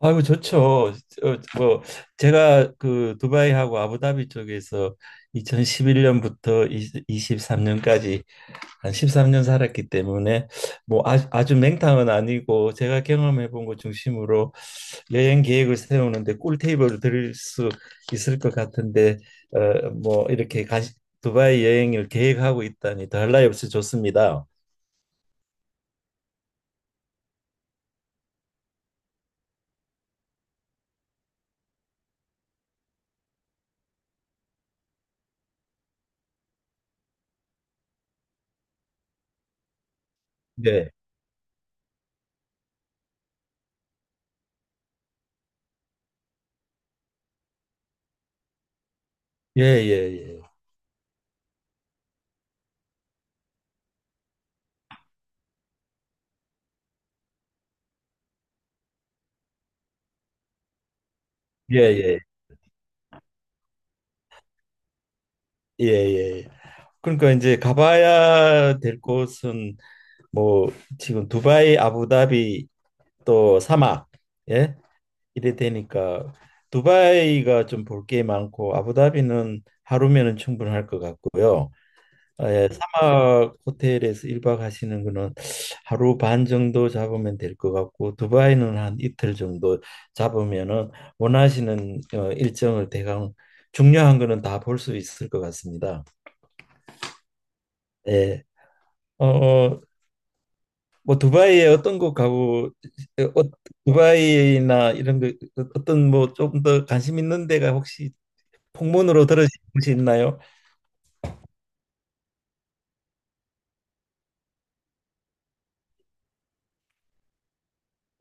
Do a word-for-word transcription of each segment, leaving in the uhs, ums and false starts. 아이고 좋죠. 어, 뭐 제가 그 두바이하고 아부다비 쪽에서 이천십일 년부터 이십삼 년까지 한 십삼 년 살았기 때문에 뭐 아, 아주 맹탕은 아니고 제가 경험해 본 것 중심으로 여행 계획을 세우는데 꿀테이블을 드릴 수 있을 것 같은데 어, 뭐 이렇게 가시, 두바이 여행을 계획하고 있다니 더할 나위 없이 좋습니다. 네. 예예예. 예예. 예예. 그러니까 이제 가봐야 될 곳은 뭐 지금 두바이, 아부다비 또 사막. 예. 이래 되니까 두바이가 좀 볼 게 많고 아부다비는 하루면은 충분할 것 같고요. 아, 예, 사막 호텔에서 일 박 하시는 거는 하루 반 정도 잡으면 될 것 같고 두바이는 한 이틀 정도 잡으면은 원하시는 어, 일정을 대강 중요한 거는 다 볼 수 있을 것 같습니다. 예. 어, 어, 뭐 두바이에 어떤 곳 가고 어, 어, 두바이나 이런 거 어, 어떤 뭐 좀 더 관심 있는 데가 혹시 풍문으로 들으신 곳이 있나요?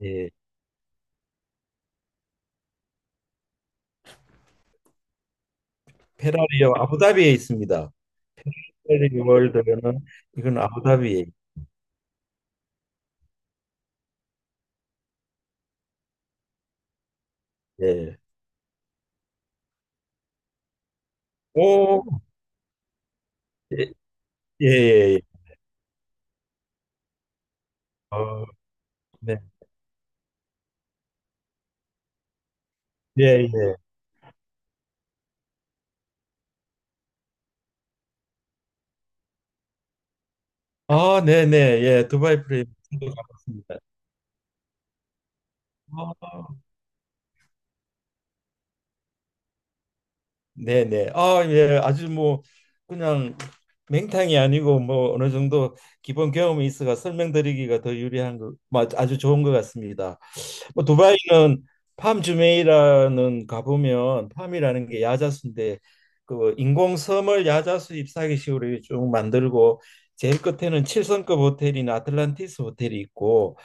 예. 페라리요, 아부다비에 있습니다. 페라리 월드는 이건 아부다비에. 예. 오, 예, 예, 예. 예. 어, 네. 예, 예. 아, 네, 네. 예, 두바이 프레임. 저도 가봤습니다. 아, 네, 네. 아, 예. 아주 뭐 그냥 맹탕이 아니고 뭐 어느 정도 기본 경험이 있어가 설명드리기가 더 유리한 거, 뭐 아주 좋은 것 같습니다. 뭐 두바이는 팜주메이라는 가보면 팜이라는 게 야자수인데 그 인공섬을 야자수 잎사귀 식으로 쭉 만들고 제일 끝에는 칠성급 호텔인 아틀란티스 호텔이 있고,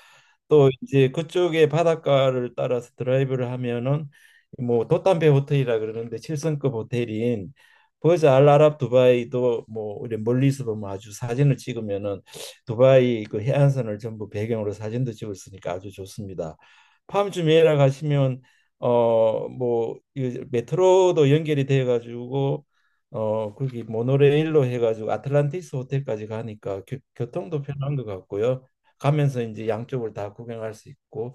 또 이제 그쪽에 바닷가를 따라서 드라이브를 하면은 뭐 돛담배 호텔이라 그러는데, 칠성급 호텔인 버즈 알 아랍 두바이도 뭐 우리 멀리서 보면 아주, 사진을 찍으면은 두바이 그 해안선을 전부 배경으로 사진도 찍을 수 있으니까 아주 좋습니다. 팜 주메이라 가시면 어뭐 메트로도 연결이 돼 가지고 어 거기 모노레일로 해 가지고 아틀란티스 호텔까지 가니까 교, 교통도 편한 것 같고요. 가면서 이제 양쪽을 다 구경할 수 있고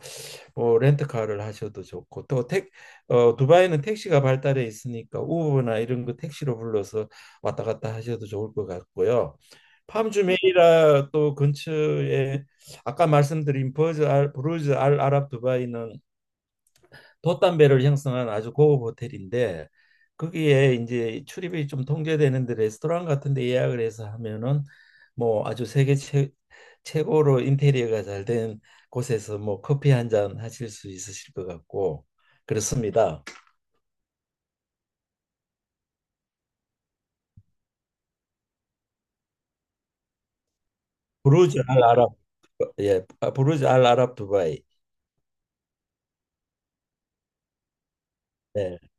뭐 렌트카를 하셔도 좋고 또 택, 어, 두바이는 택시가 발달해 있으니까 우버나 이런 거 택시로 불러서 왔다 갔다 하셔도 좋을 것 같고요. 팜주메이라 또 근처에 아까 말씀드린 버즈 알, 부르즈 알 아랍 두바이는 돛담배를 형성한 아주 고급 호텔인데 거기에 이제 출입이 좀 통제되는데 레스토랑 같은 데 예약을 해서 하면은 뭐 아주 세계 최, 최고로 인테리어가 잘 된 곳에서 뭐 커피 한 잔 하실 수 있으실 것 같고 그렇습니다. 부르즈 알 아랍. 예. 아, 부르즈 알 아랍 두바이. 예.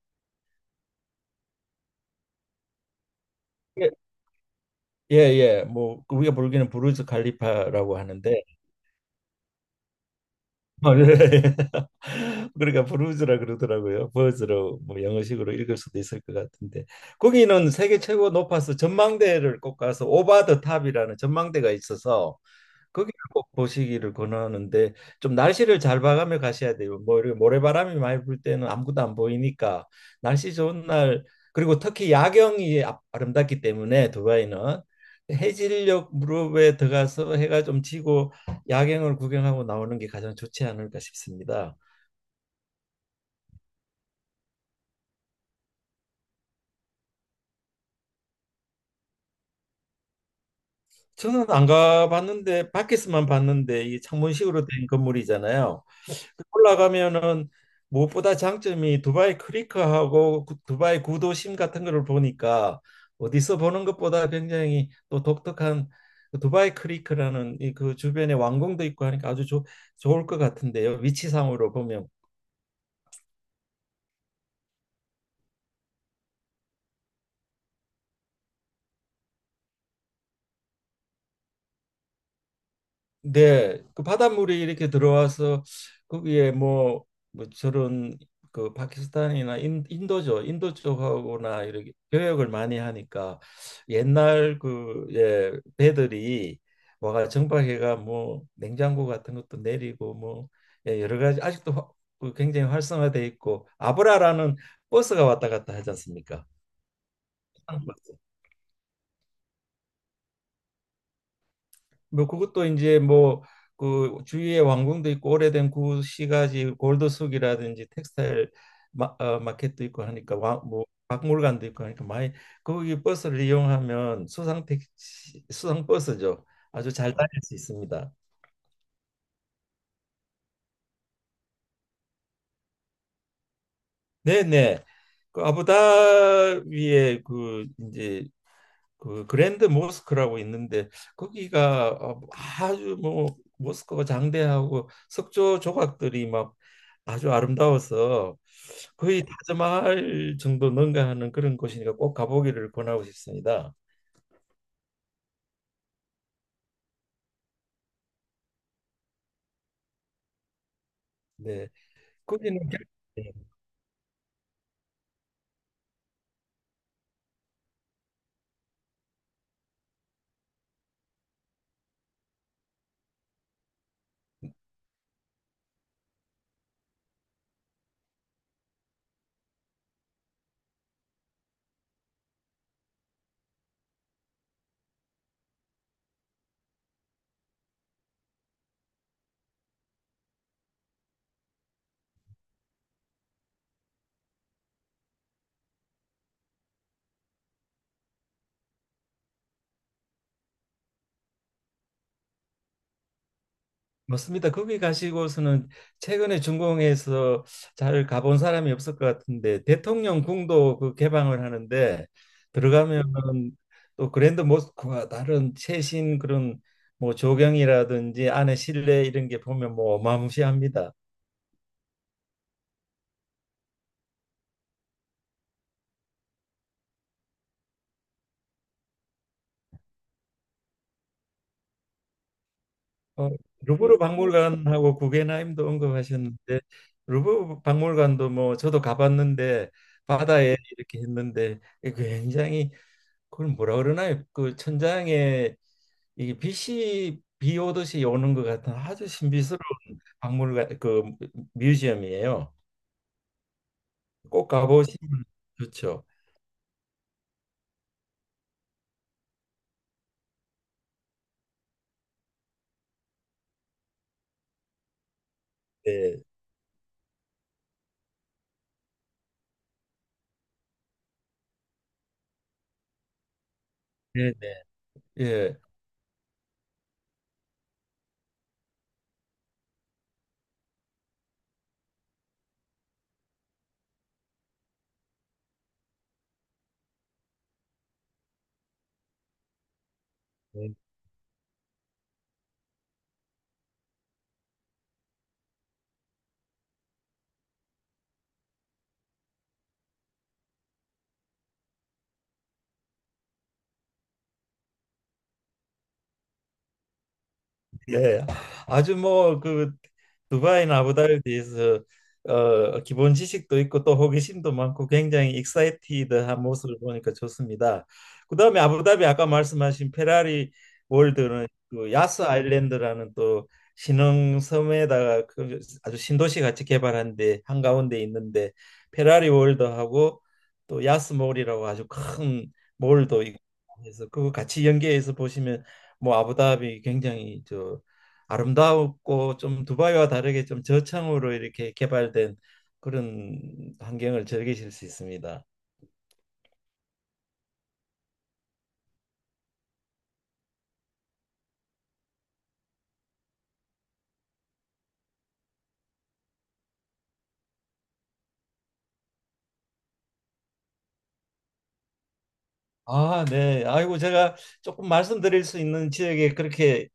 예. 예. 뭐 우리가 부르기는 부르즈 칼리파라고 하는데 어, 예. 그러니까 브루즈라 그러더라고요. 버즈로 뭐 영어식으로 읽을 수도 있을 것 같은데, 거기는 세계 최고 높아서 전망대를 꼭 가서 오바 더 탑이라는 전망대가 있어서 거기를 꼭 보시기를 권하는데, 좀 날씨를 잘 봐가며 가셔야 돼요. 뭐 이렇게 모래바람이 많이 불 때는 아무것도 안 보이니까 날씨 좋은 날, 그리고 특히 야경이 아- 아름답기 때문에 두바이는 해질녘 무렵에 들어가서 해가 좀 지고 야경을 구경하고 나오는 게 가장 좋지 않을까 싶습니다. 저는 안 가봤는데 밖에서만 봤는데 이 창문식으로 된 건물이잖아요. 올라가면은 무엇보다 장점이 두바이 크리크하고 구- 두바이 구도심 같은 거를 보니까 어디서 보는 것보다 굉장히 또 독특한 그 두바이 크리크라는 이 그 주변에 왕궁도 있고 하니까 아주 좋 좋을 것 같은데요, 위치상으로 보면. 네, 그 바닷물이 이렇게 들어와서 거기에 뭐, 뭐 저런 그 파키스탄이나 인, 인도죠. 인도 쪽하고나 이렇게 교역을 많이 하니까 옛날 그 예, 배들이 와가 정박해가 뭐 냉장고 같은 것도 내리고 뭐 예, 여러 가지 아직도 화- 그 굉장히 활성화돼 있고, 아브라라는 버스가 왔다 갔다 하지 않습니까? 뭐 그것도 이제 뭐 그 주위에 왕궁도 있고 오래된 구시가지 골드숙이라든지 텍스타일 마, 어, 마켓도 있고 하니까 와, 뭐 박물관도 있고 하니까 많이, 거기 버스를 이용하면 수상 택시, 수상 버스죠. 아주 잘 다닐 수 있습니다. 네네. 그 아부다비의 그 이제 그 그랜드 모스크라고 있는데 거기가 어, 뭐 아주 뭐 모스크가 장대하고 석조 조각들이 막 아주 아름다워서 거의 타지마할 정도 능가하는 그런 곳이니까 꼭 가보기를 권하고 싶습니다. 네, 거기는 겨- 맞습니다. 거기 가시고서는 최근에 중공에서 잘 가본 사람이 없을 것 같은데 대통령 궁도 그 개방을 하는데 들어가면 또 그랜드 모스크와 다른 최신 그런 뭐 조경이라든지 안에 실내 이런 게 보면 뭐 어마무시합니다. 어, 루브르 박물관하고 구겐하임도 언급하셨는데 루브르 박물관도 뭐 저도 가봤는데 바다에 이렇게 했는데 굉장히, 그걸 뭐라 그러나요? 그 천장에 이게 빛이 비 오듯이 오는 것 같은 아주 신비스러운 박물관, 그 뮤지엄이에요. 꼭 가보시면 좋죠. 네, 네, 네. 예. 네. 예, 아주 뭐 그 두바이나 아부다비에서 어 기본 지식도 있고 또 호기심도 많고 굉장히 익사이티드한 모습을 보니까 좋습니다. 그다음에 아부다비 아까 말씀하신 페라리 월드는 그 야스 아일랜드라는 또 신흥 섬에다가 그 아주 신도시 같이 개발한 데 한가운데 있는데, 페라리 월드하고 또 야스몰이라고 아주 큰 몰도 있고 해서 그거 같이 연계해서 보시면 뭐 아부다비 굉장히 저 아름다웠고, 좀 두바이와 다르게 좀 저층으로 이렇게 개발된 그런 환경을 즐기실 수 있습니다. 아, 네. 아이고 제가 조금 말씀드릴 수 있는 지역에 그렇게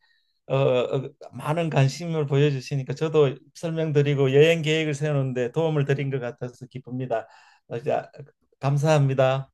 어, 어, 많은 관심을 보여주시니까 저도 설명드리고 여행 계획을 세우는데 도움을 드린 것 같아서 기쁩니다. 어, 자, 감사합니다.